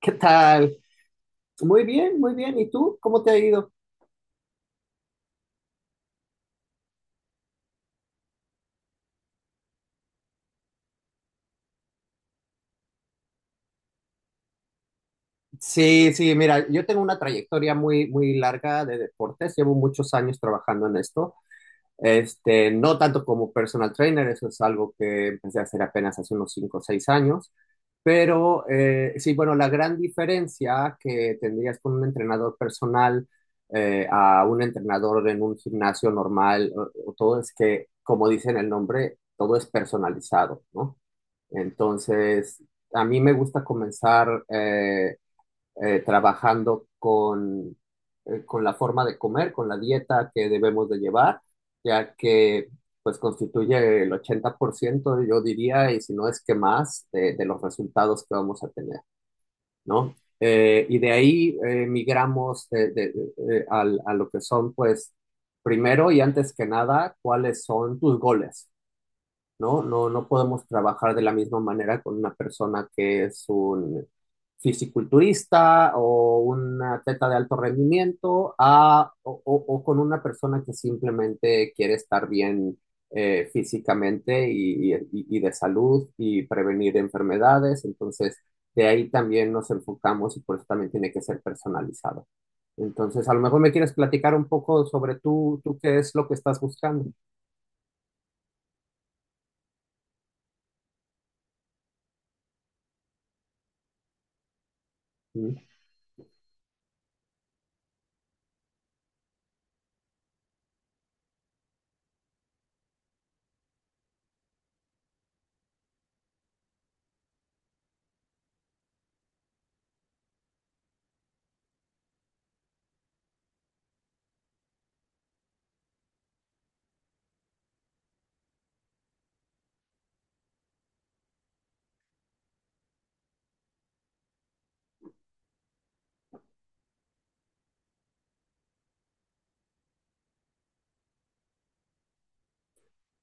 ¿Qué tal? Muy bien, muy bien. ¿Y tú? ¿Cómo te ha ido? Sí, sí, mira, yo tengo una trayectoria muy, muy larga de deportes. Llevo muchos años trabajando en esto. Este, no tanto como personal trainer, eso es algo que empecé a hacer apenas hace unos cinco, o 6 años. Pero sí, bueno, la gran diferencia que tendrías con un entrenador personal a un entrenador en un gimnasio normal o todo es que, como dice en el nombre, todo es personalizado, ¿no? Entonces, a mí me gusta comenzar trabajando con la forma de comer, con la dieta que debemos de llevar, ya que pues constituye el 80%, yo diría, y si no es que más, de los resultados que vamos a tener, ¿no? Y de ahí migramos a lo que son, pues, primero y antes que nada, ¿cuáles son tus goles? ¿No? No, no podemos trabajar de la misma manera con una persona que es un fisiculturista o un atleta de alto rendimiento, o con una persona que simplemente quiere estar bien físicamente y de salud y prevenir enfermedades. Entonces, de ahí también nos enfocamos y por eso también tiene que ser personalizado. Entonces, a lo mejor me quieres platicar un poco sobre tú qué es lo que estás buscando.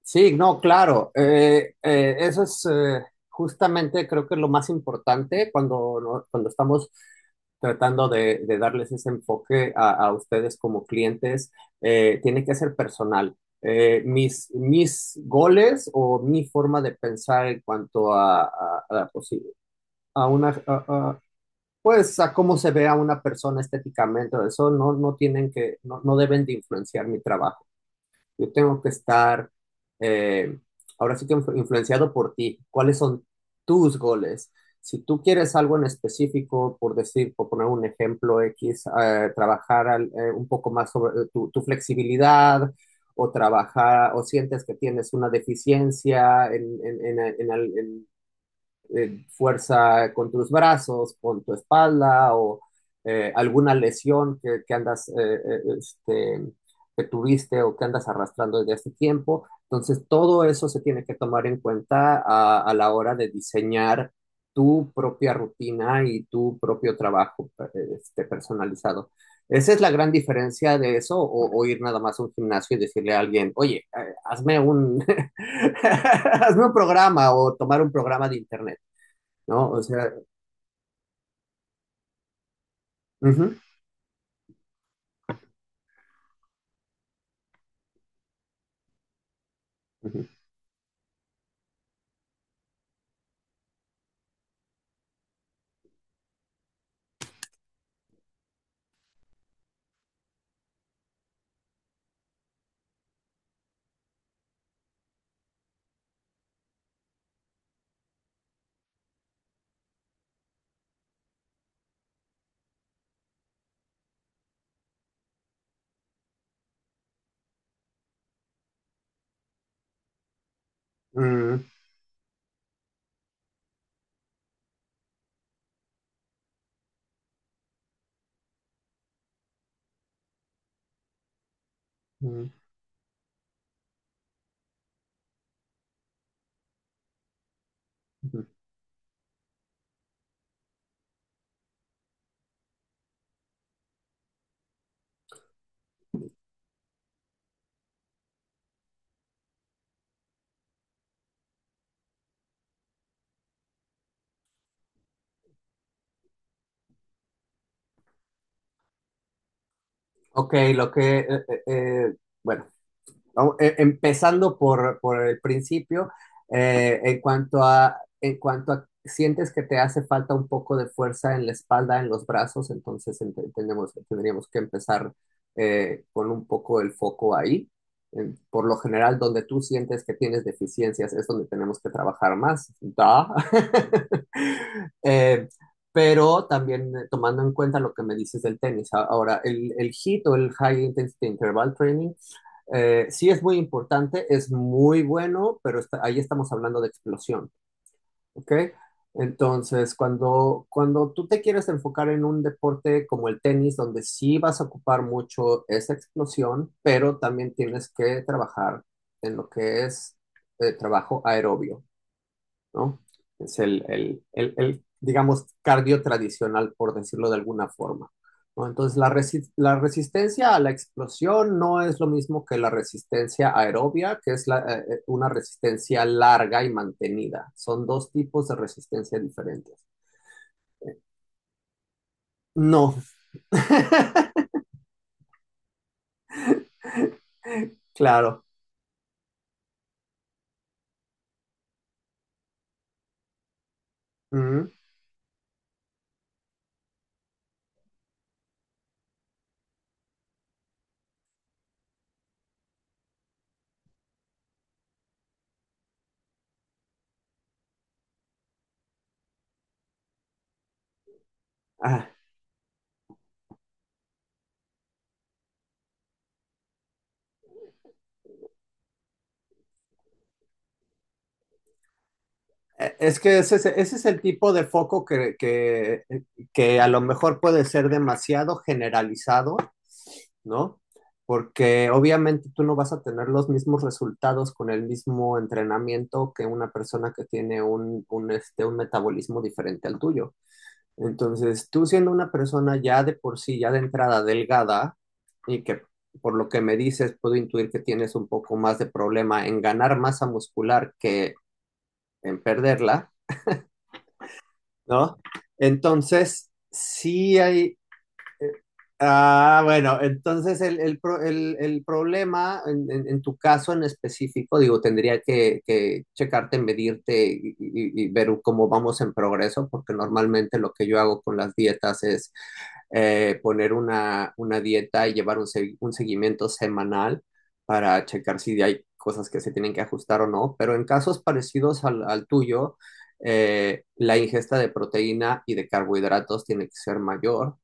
Sí, no, claro. Eso es justamente, creo que es lo más importante cuando, cuando estamos tratando de darles ese enfoque a ustedes como clientes. Tiene que ser personal. Mis goles o mi forma de pensar en cuanto a, pues sí, a una, a- pues a cómo se ve a una persona estéticamente. Eso no tienen que, no deben de influenciar mi trabajo. Yo tengo que estar, eh, ahora sí que influenciado por ti. ¿Cuáles son tus goles? Si tú quieres algo en específico, por decir, por poner un ejemplo X, trabajar un poco más sobre tu flexibilidad, o trabajar, o sientes que tienes una deficiencia en fuerza con tus brazos, con tu espalda, o alguna lesión que andas, eh, este, que tuviste o que andas arrastrando desde hace tiempo. Entonces, todo eso se tiene que tomar en cuenta a la hora de diseñar tu propia rutina y tu propio trabajo, personalizado. Esa es la gran diferencia de eso, ir nada más a un gimnasio y decirle a alguien, oye, hazme un programa o tomar un programa de internet. ¿No? O sea, ujú, ujú, mm, mm, ujú. Ok, lo que, bueno. Empezando por el principio, en cuanto a, sientes que te hace falta un poco de fuerza en la espalda, en los brazos. Entonces, entendemos que tendríamos que empezar con un poco el foco ahí. Por lo general, donde tú sientes que tienes deficiencias es donde tenemos que trabajar más. Da. Eh, pero también, tomando en cuenta lo que me dices del tenis. Ahora, el HIIT o el High Intensity Interval Training, sí es muy importante, es muy bueno, pero ahí estamos hablando de explosión, ¿ok? Entonces, cuando, cuando tú te quieres enfocar en un deporte como el tenis, donde sí vas a ocupar mucho esa explosión, pero también tienes que trabajar en lo que es trabajo aerobio. ¿No? Es digamos, cardio tradicional, por decirlo de alguna forma. ¿No? Entonces, resistencia a la explosión no es lo mismo que la resistencia aerobia, que es una resistencia larga y mantenida. Son dos tipos de resistencia diferentes. No, claro. Mm. Ah. Es que ese, ese es el tipo de foco a lo mejor puede ser demasiado generalizado. ¿No? Porque obviamente tú no vas a tener los mismos resultados con el mismo entrenamiento que una persona que tiene un metabolismo diferente al tuyo. Entonces, tú siendo una persona ya de por sí, ya de entrada delgada, y que, por lo que me dices, puedo intuir que tienes un poco más de problema en ganar masa muscular que en perderla, ¿no? Entonces, sí hay... Ah, bueno, entonces el problema en tu caso en específico, digo, tendría que checarte, medirte y ver cómo vamos en progreso, porque normalmente lo que yo hago con las dietas es poner una dieta y llevar un seguimiento semanal para checar si hay cosas que se tienen que ajustar o no, pero en casos parecidos al tuyo, la ingesta de proteína y de carbohidratos tiene que ser mayor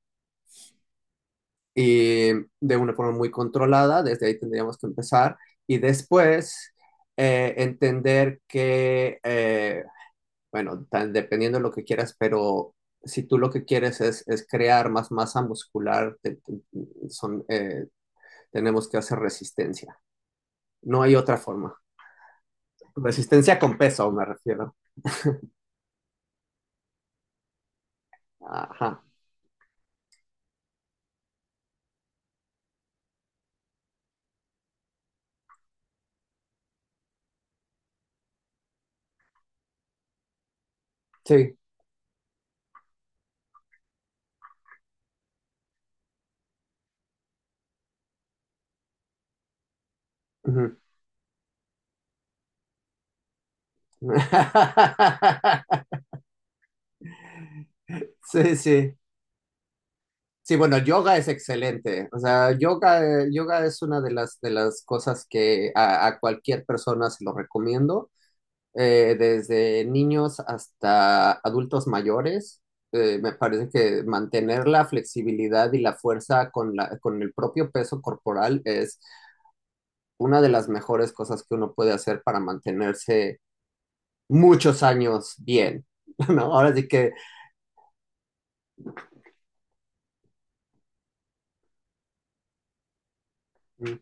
y de una forma muy controlada. Desde ahí tendríamos que empezar y después entender que, bueno, dependiendo de lo que quieras, pero si tú lo que quieres es crear más masa muscular, tenemos que hacer resistencia. No hay otra forma. Resistencia con peso, me refiero. Ajá. Sí. Ujú. Sí, sí. Sí, bueno, yoga es excelente. O sea, yoga, yoga es una de las cosas que a cualquier persona se lo recomiendo, desde niños hasta adultos mayores. Me parece que mantener la flexibilidad y la fuerza con con el propio peso corporal es una de las mejores cosas que uno puede hacer para mantenerse muchos años bien, ¿no? Ahora sí que, mm,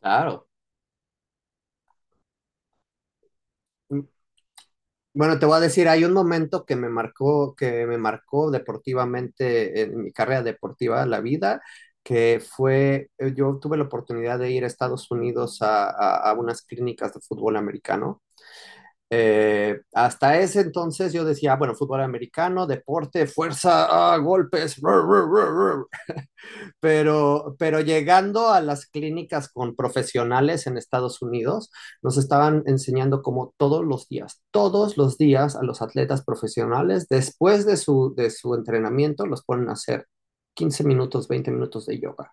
claro. Bueno, te voy a decir, hay un momento que me marcó deportivamente en mi carrera deportiva, la vida, que fue, yo tuve la oportunidad de ir a Estados Unidos a unas clínicas de fútbol americano. Hasta ese entonces yo decía, ah, bueno, fútbol americano, deporte, fuerza, ah, golpes, pero llegando a las clínicas con profesionales en Estados Unidos, nos estaban enseñando como todos los días a los atletas profesionales, después de su entrenamiento, los ponen a hacer 15 minutos, 20 minutos de yoga.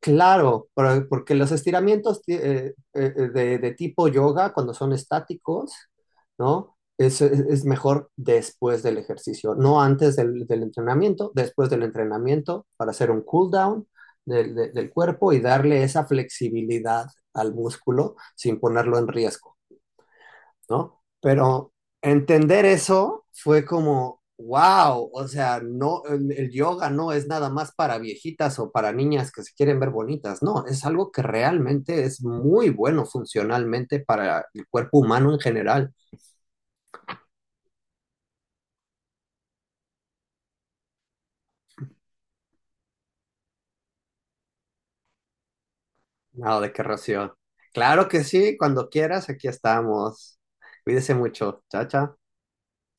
Claro, porque los estiramientos, de tipo yoga, cuando son estáticos, ¿no? Es mejor después del ejercicio, no antes del entrenamiento, después del entrenamiento, para hacer un cool down del cuerpo y darle esa flexibilidad al músculo sin ponerlo en riesgo. ¿No? Pero entender eso fue como, wow. O sea, no, el yoga no es nada más para viejitas o para niñas que se quieren ver bonitas. No, es algo que realmente es muy bueno funcionalmente para el cuerpo humano en general. Nada de qué ración. Claro que sí, cuando quieras, aquí estamos. Cuídese mucho. Chao, chao.